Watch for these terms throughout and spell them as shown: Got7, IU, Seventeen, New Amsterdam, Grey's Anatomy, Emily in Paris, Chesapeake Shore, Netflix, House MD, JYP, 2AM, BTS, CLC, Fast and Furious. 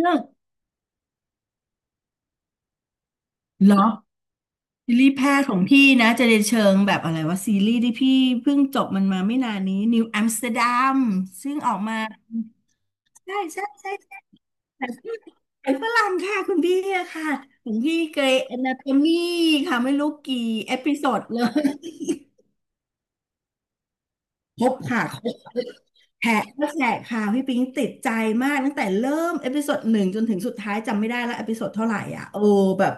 เลิกเหรอซีรีส์แพทย์ของพี่นะจะในเชิงแบบอะไรว่าซีรีส์ที่พี่เพิ่งจบมันมาไม่นานนี้นิวอัมสเตอร์ดัมซึ่งออกมาใช่ใช่ใช่ใช่แต่พี่ไอ่ฝรั่งค่ะคุณพี่อะค่ะของพี่เกรย์อนาโตมีค่ะไม่รู้กี่เอพิโซดเลยครบค่ะครบแฉะก็แฉะค่ะพี่ปิงติดใจมากตั้งแต่เริ่มเอพิโซดหนึ่งจนถึงสุดท้ายจำไม่ได้แล้วเอพิโซดเท่าไหร่อ่ะโอ้แบบ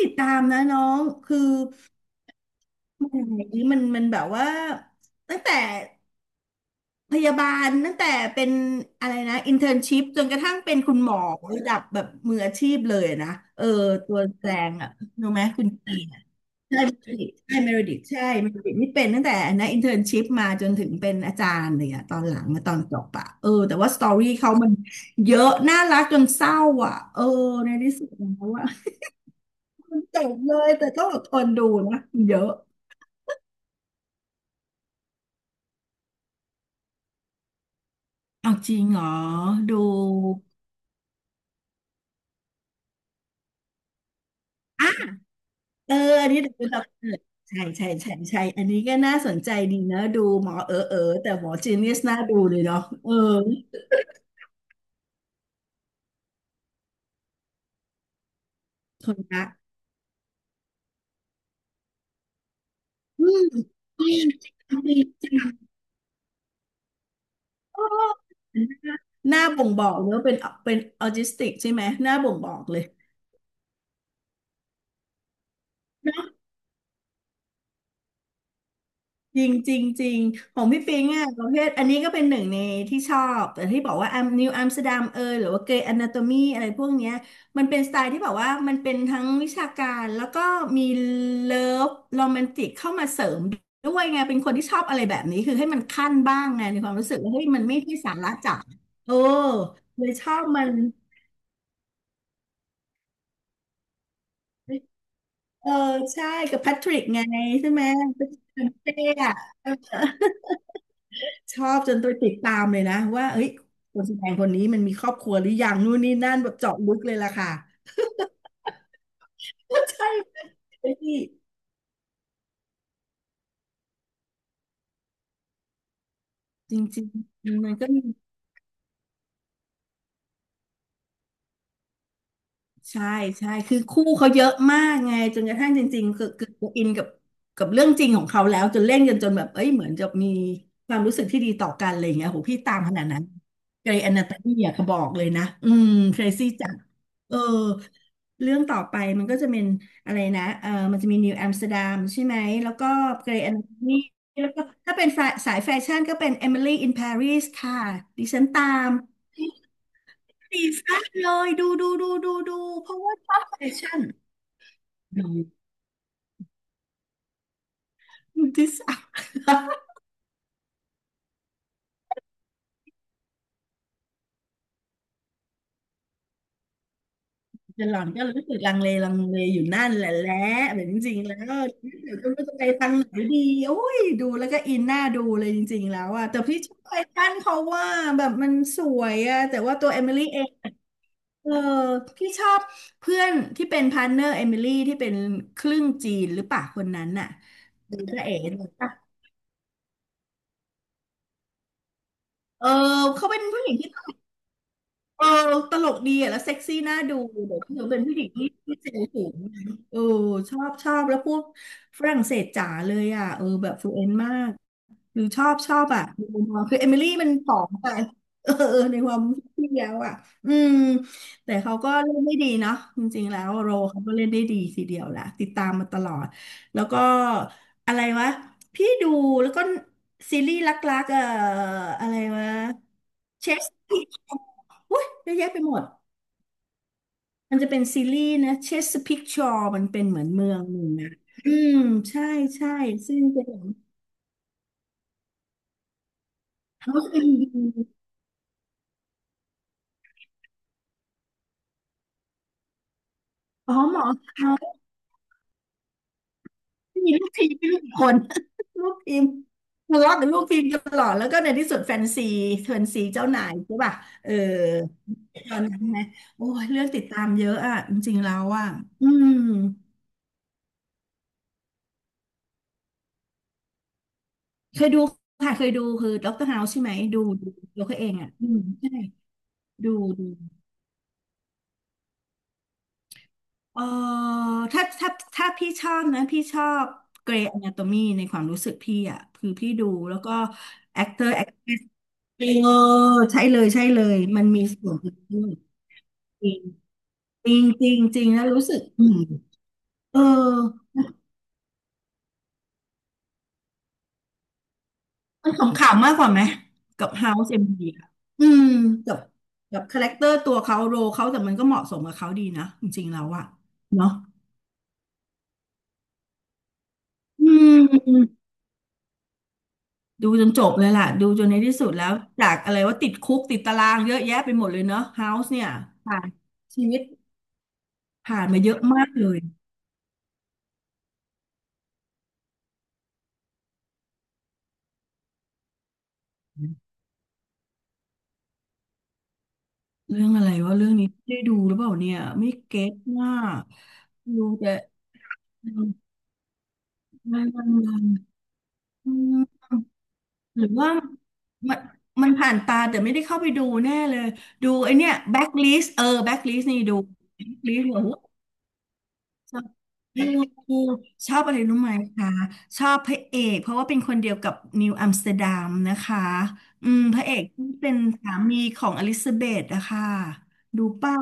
ติดตามนะน้องคือ อันนี้มันแบบว่าตั้งแต่พยาบาลตั้งแต่เป็นอะไรนะอินเทอร์นชิพจนกระทั่งเป็นคุณหมอระดับแบบมืออาชีพเลยนะเออตัวแสดงอ่ะรู้ไหมคุณจีนอะใช่เมริดใช่เมริดิตใช่เมริดิตนี่เป็นตั้งแต่นะอินเทอร์นชิพมาจนถึงเป็นอาจารย์เลยอ่ะตอนหลังมาตอนจบอะเออแต่ว่าสตอรี่เขามันเยอะน่ารักจนเศร้าอ่ะเออในที่สุดแล้วอ่ะ มันจบเลยแต่ต้องอดทนดูนะมันเยอะเอาจริงเหรอดู อ่ะเอออันนี้ดูเราเกิดใช่ใช่ใช่ใช่อันนี้ก็น่าสนใจดีนะดูหมอเออเออแต่หมอจีเนียสน่าดูเลยเนาะเออคนละอืมอืมดีจังๆโอ้หน้าบ่งบอกเลยว่าเป็นเป็นออทิสติกใช่ไหมหน้าบ่งบอกเลย จริงจริงจริงของพี่ปิงอ่ะประเภทอันนี้ก็เป็นหนึ่งในที่ชอบแต่ที่บอกว่าอัมนิวอัมสเตอร์ดัมเอยหรือว่าเกรย์อนาโตมีอะไรพวกเนี้ยมันเป็นสไตล์ที่แบบว่ามันเป็นทั้งวิชาการแล้วก็มีเลิฟโรแมนติกเข้ามาเสริมด้วยไงเป็นคนที่ชอบอะไรแบบนี้คือให้มันขั้นบ้างไงในความรู้สึกว่าเฮ้ยมันไม่ใช่สาระจ๋าโอ้เลยชอบมันเออใช่กับแพทริกไงใช่ไหมเป็นเต้อะ ชอบจนตัวติดตามเลยนะว่าเอ้ยคนแสดงคนนี้มันมีครอบครัวหรือยังนู่นนี่นั่นแบบเจาะลึกเลยล่ะค่ะ ใช่ไหมพี่จริงๆมันก็มี ใช่ใช่คู่เขาเยอะมากไงจนกระทั่งจริงๆคืออินกับกับเรื่องจริงของเขาแล้วจนเล่นกันจนแบบเอ้ยเหมือนจะมีความรู้สึกที่ดีต่อกันอะไรอย่างเงี้ยโหพี่ตามขนาดนั้นเกรย์อนาโตมี่อะเขาบอกเลยนะอืมเครซี่จัดเออเรื่องต่อไปมันก็จะเป็นอะไรนะเออมันจะมีนิวอัมสเตอร์ดัมใช่ไหมแล้วก็เกรย์อนาโตมี่แล้วก็ถ้าเป็นสายแฟชั่นก็เป็นเอมิลี่อินปารีสค่ะดิฉันตาม สีสั้เลยดูดูดูดูดูเพราะว่าชอบแฟชั่นดูดูที่สามจะหล่อนก็รู้สึกลังเลอยู่นั่นแหละแบบจริงๆแล้วเดี๋ยวก็ไม่รู้จะไปทางไหนดีโอ้ยดูแล้วก็อินหน้าดูเลยจริงๆแล้วอะแต่พี่ชอบแฟชั่นเขาว่าแบบมันสวยอะแต่ว่าตัวเอมิลี่เองเออพี่ชอบเพื่อนที่เป็นพาร์ทเนอร์เอมิลี่ที่เป็นครึ่งจีนหรือเปล่าคนนั้นน่ะดูพระเอกเลยป่ะเออเขาเป็นผู้หญิงที่ เออตลกดีอ่ะแล้วเซ็กซี่น่าดูเดี๋ยวเธอเป็นผู้หญิงที่ที่เซลล์สูงนะเออชอบแล้วพูดฝรั่งเศสจ๋าเลยอ่ะเออแบบฟลูเอนต์มาก หรือชอบอ่ะในมุมมองคือเอมิลี่มันผอมไป เออเออในความที่แล้วอ่ะอืมแต่เขาก็เล่นได้ดีเนาะจริงๆแล้วโรเขาก็เล่นได้ดีทีเดียวแหละติดตามมาตลอดแล้วก็อะไรวะพี่ดูแล้วก็ซีรีส์รักๆอะไรวะเชสพิกอุ้ยเยอะแยะไปหมดมันจะเป็นซีรีส์นะเชสพิกชอร์มันเป็นเหมือนเมืองหนึ่งนะอืมใช่ใช่ซึ่งเป็น House MD อ๋อหมอเขา มีลูกทีมไม่รู้กี่คน ลูกทีมทะเลาะกับลูกทีมตลอดแล้วก็ในที่สุดแฟนซีเจ้านายใช่ป่ะเออตอนนั้นนะโอ้ยเรื่องติดตามเยอะอ่ะจริงๆแล้วอ่ะอืมเคยดูค่ะเคยดูคือด็อกเตอร์เฮาส์ใช่ไหมดูดูดูเขาเองอ่ะอืมใช่ดูดูเออถ้าถ้าพี่ชอบนะพี่ชอบเกรย์อนาโตมีในความรู้สึกพี่อ่ะคือพี่ดูแล้วก็แอคเตอร์ใช่เลยใช่เลยมันมีส่วนอื่นด้วย จริงจริงจริงจริงแล้วรู้สึกอืมเออมันขำๆมากกว่าไหมกับ House m คอะอืมกับกับคาแรคเตอร์ตัวเขาโรเขาแต่มันก็เหมาะสมกับเขาดีนะจริงๆแล้วอะเนาะอืมดูจนจบเลยล่ะดูจนในที่สุดแล้วจากอะไรว่าติดคุกติดตารางเยอะแยะไปหมดเลยเนาะ House เนี่ยผ่านชีวิตผ่านมาเยอะมากเลยเรื่องอะไรว่าเรื่องนี้ได้ดูหรือเปล่าเนี่ยไม่เก็ตมากดูแต่่ อืมหรือว่ามันมันผ่านตาแต่ไม่ได้เข้าไปดูแน่เลยดูไอเนี้ยแบ็คลิสแบ็คลิสนี่ดูแบ็คลิสเหรอชอบชอบอะไรรู้ไหมคะชอบพระเอกเพราะว่าเป็นคนเดียวกับนิวอัมสเตอร์ดัมนะคะอืมพระเอกที่เป็นสามีของอลิซาเบธนะคะดูเป้า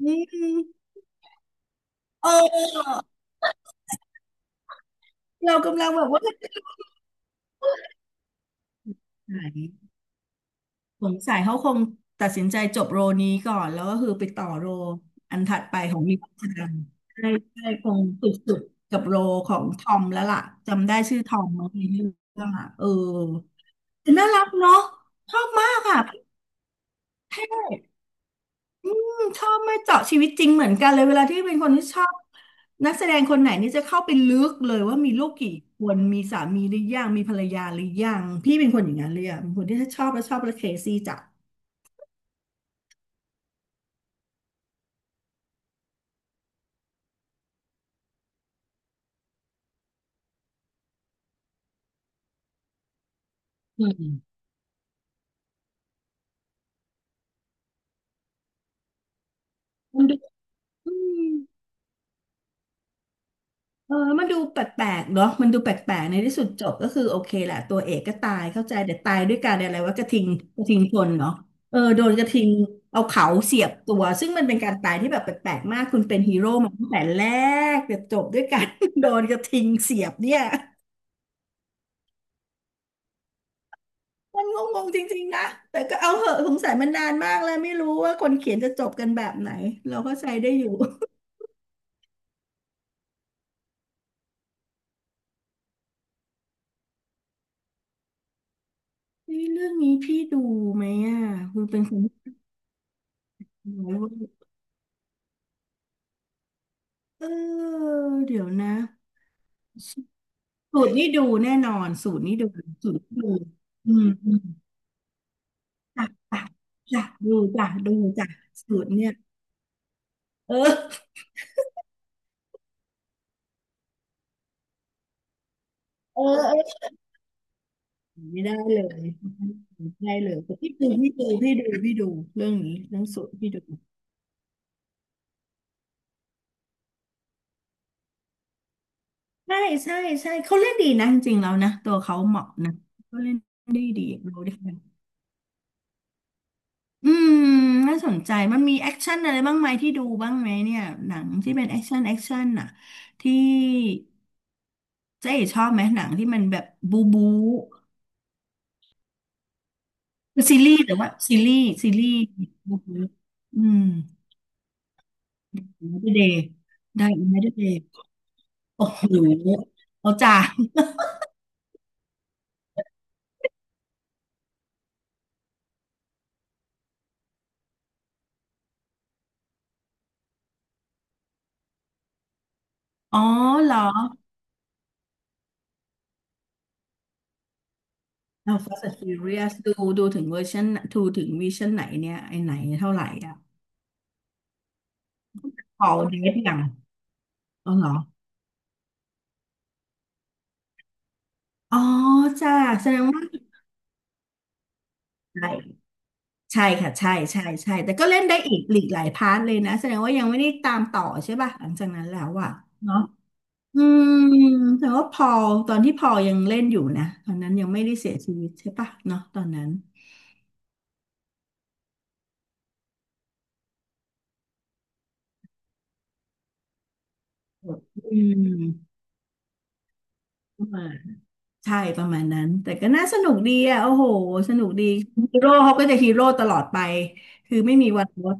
อืมเออเรากำลังแบบว่าไหน สงสัยเขาคงตัดสินใจจบโรนี้ก่อนแล้วก็คือไปต่อโรอันถัดไปของมิชชันใช่ใช่คงสุดๆกับโรของทอมแล้วล่ะจำได้ชื่อทอมเน้ะในเรื่องอ่ะเออแต่น่ารักเนาะชอบมากอ่ะเท่อืมชอบไม่เจาะชีวิตจริงเหมือนกันเลยเวลาที่เป็นคนที่ชอบนักแสดงคนไหนนี่จะเข้าไปลึกเลยว่ามีลูกกี่คนมีสามีหรือยังมีภรรยาหรือยังพี่เป็นคนอย่างนั้นเลยอ่ะเป็นคนที่ถ้าชอบแล้วชอบแล้วเคซี่จ้ะอืมมันดูอืม มันดูแปลกๆเนาะมันดูแปลกๆในที่สุดจบก็คือโอเคแหละตัวเอกก็ตายเข้าใจแต่ตายด้วยการอะไรว่ากระทิงกระทิงชนเนาะเออโดนกระทิงเอาเขาเสียบตัวซึ่งมันเป็นการตายที่แบบแปลกๆมากคุณเป็นฮีโร่มาตั้งแต่แรกแต่จบด้วยการ โดนกระทิงเสียบเนี่ยมันงงๆจริงๆนะแต่ก็เอาเหอะสงสัยมันนานมากแลวไม่รู้ว่าคนเขียนจะจบกันแบบไหนเราก็ใจได้อยู่ เฮ้ยเรื่องนี้พี่ดูไหมอ่ะคุณเป็นคนที่ดูไหมเว้ยเออเดี๋ยวนะ สูตรนี่ดูแน่นอนสูตรนี่ดูสูตรนี่ดูอืมอืมจ้ะจ้ะจ้ะดูจ้ะดูจ้ะสูตรเนี่ยเออเออเออไม่ได้เลยไม่ได้เลยแต่พี่ดูเรื่องนี้เรื่องสูตรพี่ดูใช่ใช่ใช่เขาเล่นดีนะจริงๆแล้วนะตัวเขาเหมาะนะเขาเล่นได้ดีรูได้อืมน่าสนใจมันมีแอคชั่นอะไรบ้างไหมที่ดูบ้างไหมเนี่ยหนังที่เป็นแอคชั่นแอคชั่นน่ะที่ เจ๊ชอบไหมหนังที่มันแบบบูบูค็ซีรีส์แต่ว่าซีรีส์บูบูอืมไม่ได้เดย์ได้ไม่ได้เดย์โอ้โหเอาจ้าอ๋อเหรอเอา Fast and Furious ดูดูถึงเวอร์ชันดูถึงวิชั่นไหนเนี่ยไอไหนเท่าไหร่อ่ะพอเดทอย่างอ๋อเหรออ๋อจ้าแสดงว่าใช่ใช่ค่ะใช่ใช่ใช่แต่ก็เล่นได้อีกหลีกหลายพาร์ทเลยนะแสดงว่ายังไม่ได้ตามต่อใช่ป่ะหลังจากนั้นแล้วอ่ะเนาะ อืมแต่ว่าพอลตอนที่พอลยังเล่นอยู่นะตอนนั้นยังไม่ได้เสียชีวิตใช่ปะเนาะตอนนั้นอืมประมาณใช่ประมาณนั้นแต่ก็น่าสนุกดีอ่ะโอ้โหสนุกดีฮีโร่เขาก็จะฮีโร่ตลอดไปคือไม่มีวันลด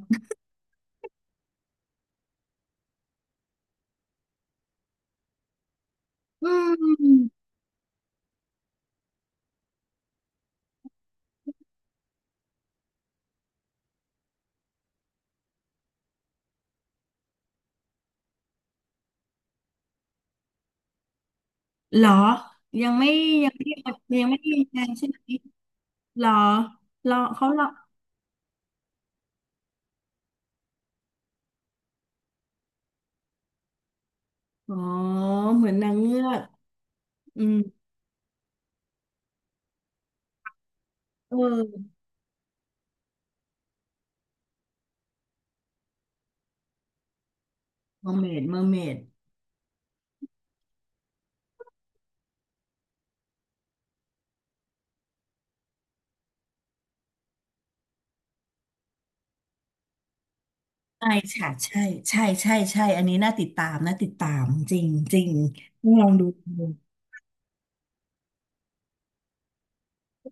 อืมเหรอยังไม่ยังไม่ยังไม่ได้ยังไงานใช่ไหมเหรอเหรอเขาเหรออ๋อเหมือนนางเงือกอืมเออเมอร์เมดเมอร์เมด ใช่ค่ะใช่ใช่ใช่ใช่ อันนี้น่าติดตามน่าติดตามจริงจริงต้องลองดู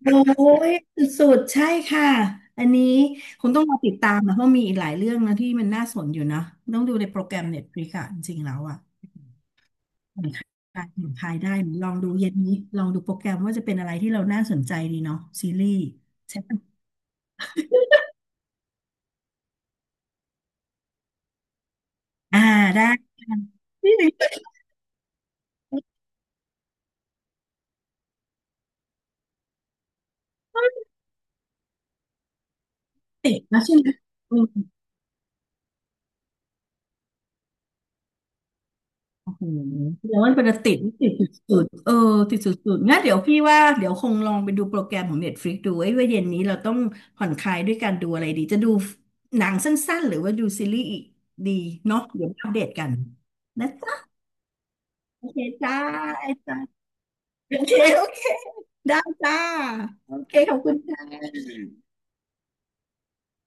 โอ้ยสุดๆใช่ค่ะอันนี้คงต้องมาติดตามนะเพราะมีอีกหลายเรื่องนะที่มันน่าสนอยู่นะต้องดูในโปรแกรมเน็ตฟลิกอะจริงๆแล้วอะผ่อนคลายผ่อนคลายได้ลองดูเย็นนี้ลองดูโปรแกรมว่าจะเป็นอะไรที่เราน่าสนใจดีเนาะซีรีส์ใช่ปะอ่าได้ค่ะนี่เลยติดนะใช่ไหม โอ้โหแล้วมันเป็นติดติดสุดๆเออติดสุดๆงั้นเดี๋ยวพี่ว่าเดี๋ยวคงลองไปดูโปรแกรมของ Netflix ดูไอ้ยว่าเย็นนี้เราต้องผ่อนคลายด้วยการดูอะไรดีจะดูหนังสั้นๆหรือว่าดูซีรีส์อีกดีเนาะเดี๋ยวมาอัปเดตกันนะจ๊ะโอเคจ้าจ้าโอเคโอเคได้จ้าโอเคขอบคุณจ้า